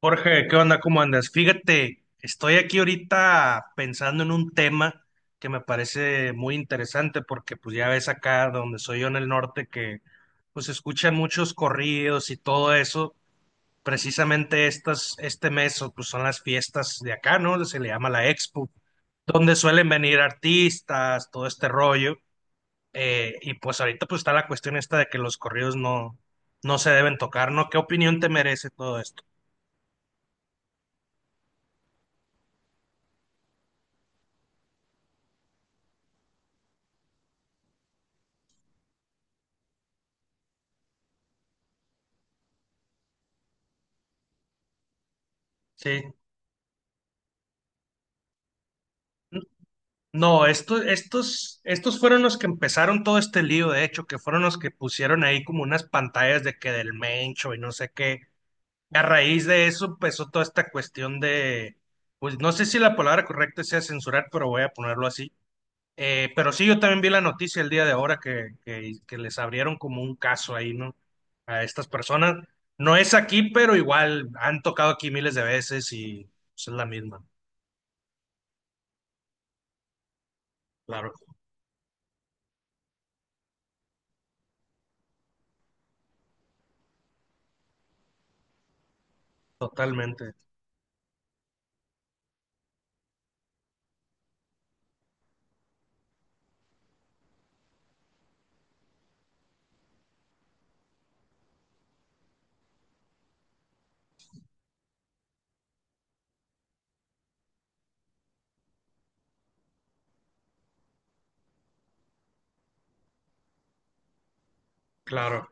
Jorge, ¿qué onda? ¿Cómo andas? Fíjate, estoy aquí ahorita pensando en un tema que me parece muy interesante porque pues ya ves acá donde soy yo en el norte que pues escuchan muchos corridos y todo eso. Precisamente este mes o, pues son las fiestas de acá, ¿no? Se le llama la Expo, donde suelen venir artistas, todo este rollo. Y pues ahorita pues está la cuestión esta de que los corridos no se deben tocar, ¿no? ¿Qué opinión te merece todo esto? Sí. No, estos fueron los que empezaron todo este lío, de hecho, que fueron los que pusieron ahí como unas pantallas de que del Mencho y no sé qué. Y a raíz de eso empezó toda esta cuestión de, pues no sé si la palabra correcta sea censurar, pero voy a ponerlo así. Pero sí, yo también vi la noticia el día de ahora que les abrieron como un caso ahí, ¿no? A estas personas. No es aquí, pero igual han tocado aquí miles de veces y pues, es la misma. Claro, totalmente, claro,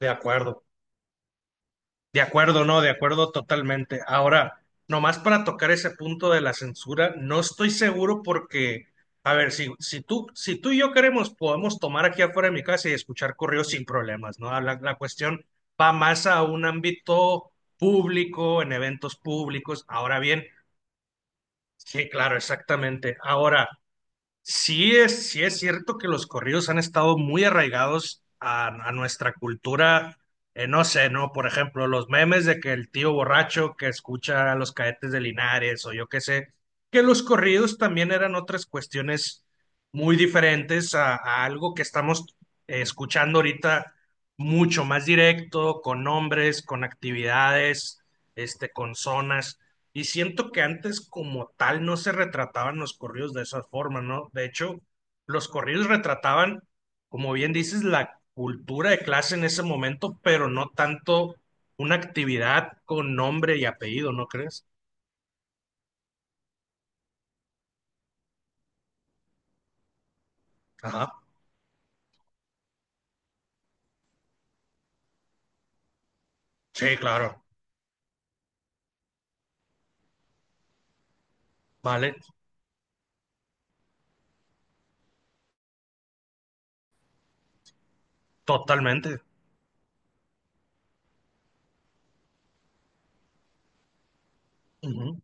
de acuerdo. De acuerdo, no, de acuerdo totalmente. Ahora, nomás para tocar ese punto de la censura, no estoy seguro porque, a ver, si tú y yo queremos, podemos tomar aquí afuera de mi casa y escuchar correos sin problemas, ¿no? La cuestión va más a un ámbito público, en eventos públicos. Ahora bien, sí, claro, exactamente. Ahora, sí es cierto que los corridos han estado muy arraigados a nuestra cultura, no sé, ¿no? Por ejemplo, los memes de que el tío borracho que escucha a los cadetes de Linares o yo qué sé, que los corridos también eran otras cuestiones muy diferentes a algo que estamos escuchando ahorita mucho más directo, con nombres, con actividades, este, con zonas. Y siento que antes como tal no se retrataban los corridos de esa forma, ¿no? De hecho, los corridos retrataban, como bien dices, la cultura de clase en ese momento, pero no tanto una actividad con nombre y apellido, ¿no crees? Ajá. Sí, claro. Vale, totalmente. Ujú.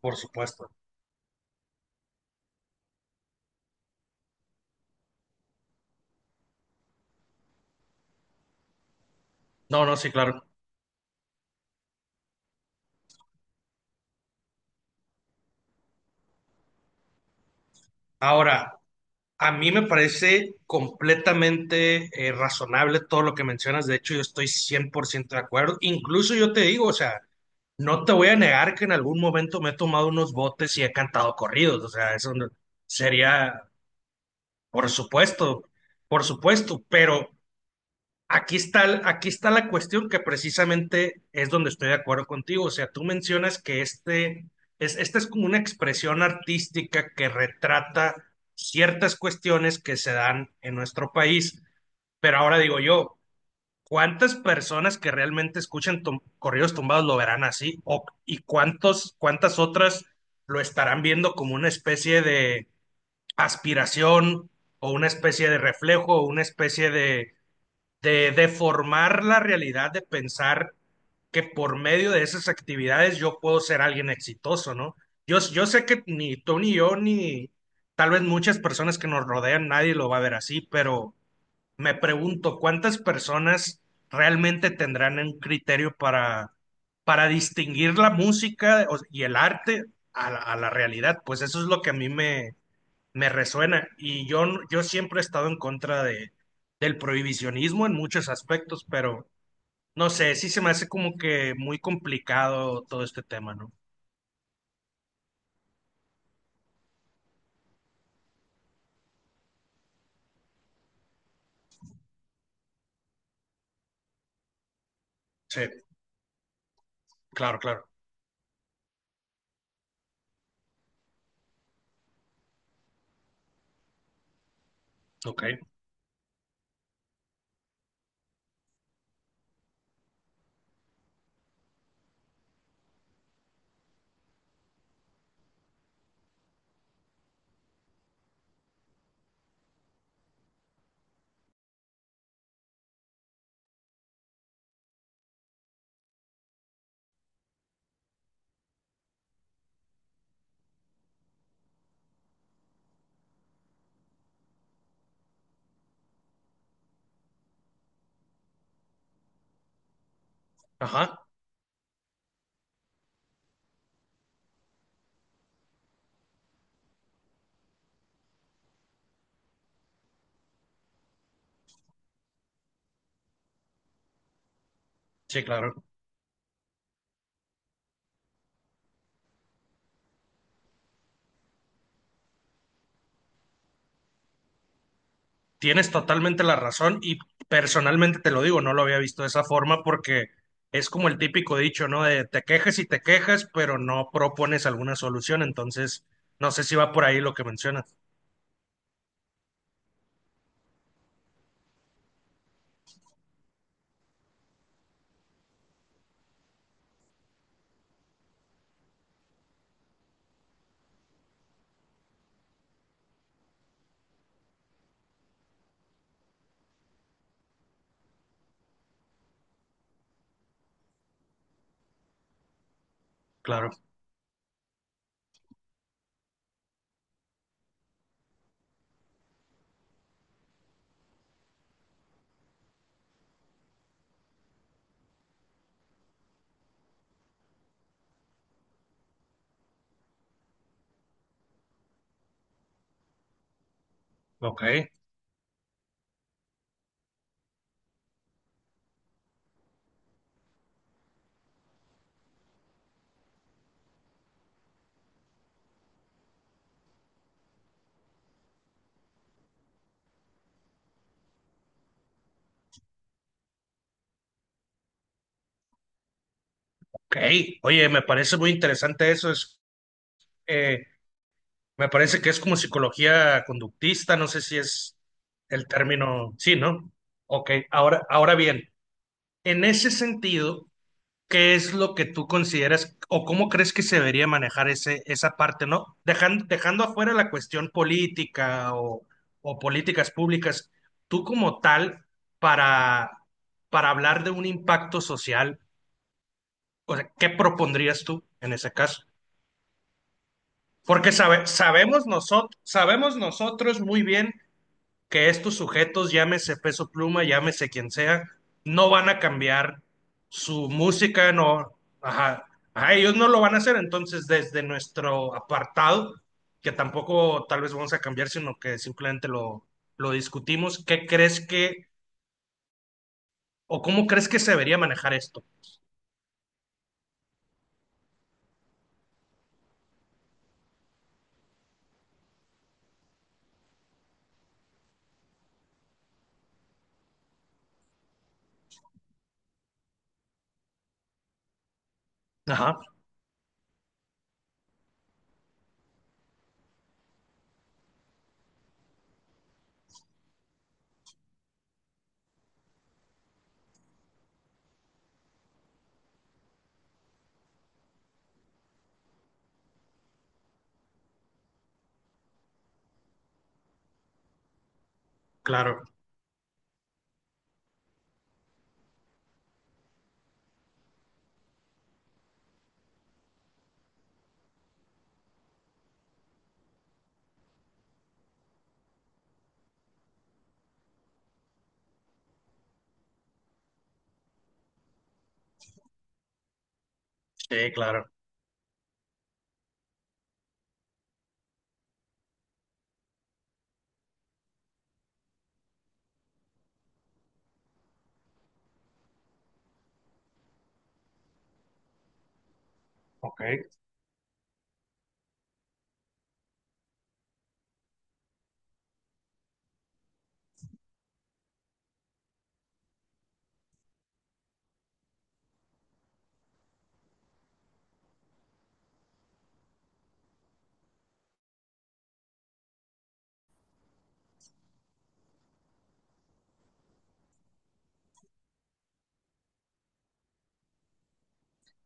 Por supuesto. No, no, sí, claro. Ahora, a mí me parece completamente razonable todo lo que mencionas. De hecho, yo estoy 100% de acuerdo. Incluso yo te digo, o sea, no te voy a negar que en algún momento me he tomado unos botes y he cantado corridos, o sea, eso no- sería, por supuesto, por supuesto, pero aquí está, aquí está la cuestión que precisamente es donde estoy de acuerdo contigo, o sea, tú mencionas que esta es como una expresión artística que retrata ciertas cuestiones que se dan en nuestro país, pero ahora digo yo, ¿cuántas personas que realmente escuchan corridos tumbados lo verán así? ¿Y cuántas otras lo estarán viendo como una especie de aspiración o una especie de reflejo o una especie de deformar la realidad, de pensar que por medio de esas actividades yo puedo ser alguien exitoso, ¿no? Yo sé que ni tú ni yo, ni tal vez muchas personas que nos rodean, nadie lo va a ver así, pero me pregunto cuántas personas realmente tendrán un criterio para distinguir la música y el arte a la realidad. Pues eso es lo que a me resuena. Yo siempre he estado en contra de, del prohibicionismo en muchos aspectos, pero no sé, sí se me hace como que muy complicado todo este tema, ¿no? Sí, claro, claro. Ok. Ajá. Sí, claro. Tienes totalmente la razón y personalmente te lo digo, no lo había visto de esa forma porque es como el típico dicho, ¿no? De te quejas y te quejas, pero no propones alguna solución. Entonces, no sé si va por ahí lo que mencionas. Claro, ok, ok. Oye, me parece muy interesante eso. Eh, me parece que es como psicología conductista, no sé si es el término, sí, ¿no? Ok, ahora, ahora bien, en ese sentido, ¿qué es lo que tú consideras o cómo crees que se debería manejar esa parte, ¿no? Dejando afuera la cuestión política o políticas públicas, tú como tal, para, para hablar de un impacto social, o sea, ¿qué propondrías tú en ese caso? Porque sabemos nosotros muy bien que estos sujetos, llámese Peso Pluma, llámese quien sea, no van a cambiar su música, no, ajá, ajá, ellos no lo van a hacer, entonces desde nuestro apartado, que tampoco tal vez vamos a cambiar, sino que simplemente lo discutimos, ¿qué crees que, o cómo crees que se debería manejar esto? Ajá, claro, sí, claro. Ok.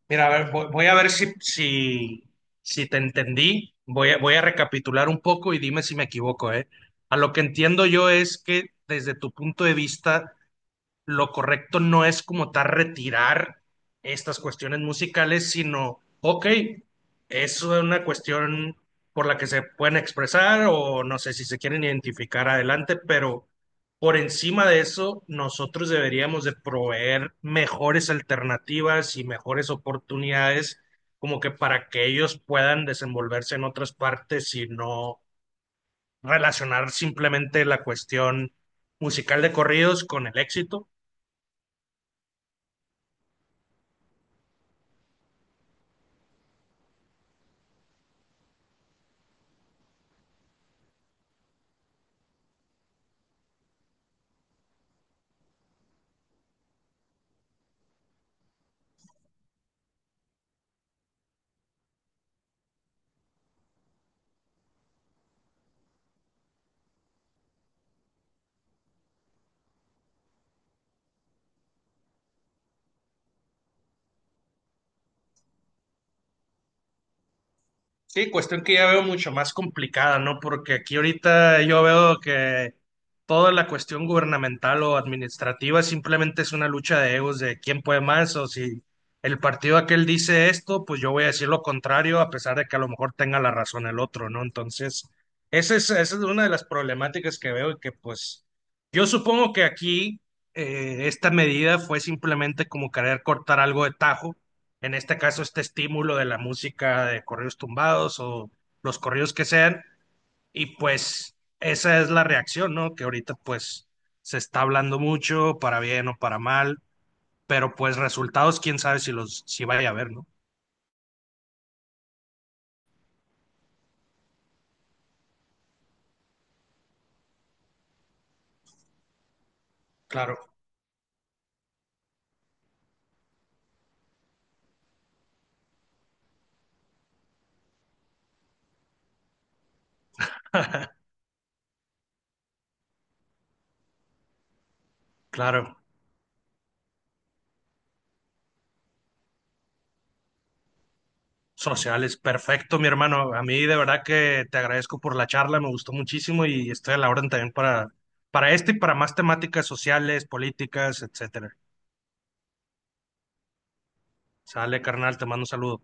Mira, a ver, voy, voy a ver si te entendí. Voy a, voy a recapitular un poco y dime si me equivoco, ¿eh? A lo que entiendo yo es que desde tu punto de vista, lo correcto no es como tal retirar estas cuestiones musicales, sino, ok, es una cuestión por la que se pueden expresar o no sé si se quieren identificar adelante, pero por encima de eso, nosotros deberíamos de proveer mejores alternativas y mejores oportunidades como que para que ellos puedan desenvolverse en otras partes y no relacionar simplemente la cuestión musical de corridos con el éxito. Sí, cuestión que ya veo mucho más complicada, ¿no? Porque aquí ahorita yo veo que toda la cuestión gubernamental o administrativa simplemente es una lucha de egos de quién puede más o si el partido aquel dice esto, pues yo voy a decir lo contrario a pesar de que a lo mejor tenga la razón el otro, ¿no? Entonces, esa es una de las problemáticas que veo y que pues yo supongo que aquí esta medida fue simplemente como querer cortar algo de tajo en este caso este estímulo de la música de corridos tumbados o los corridos que sean, y pues esa es la reacción, ¿no? Que ahorita pues se está hablando mucho, para bien o para mal, pero pues resultados, quién sabe si los, si vaya a haber, ¿no? Claro, claro. Sociales, perfecto, mi hermano. A mí de verdad que te agradezco por la charla, me gustó muchísimo y estoy a la orden también para este y para más temáticas sociales, políticas, etcétera. Sale, carnal, te mando un saludo.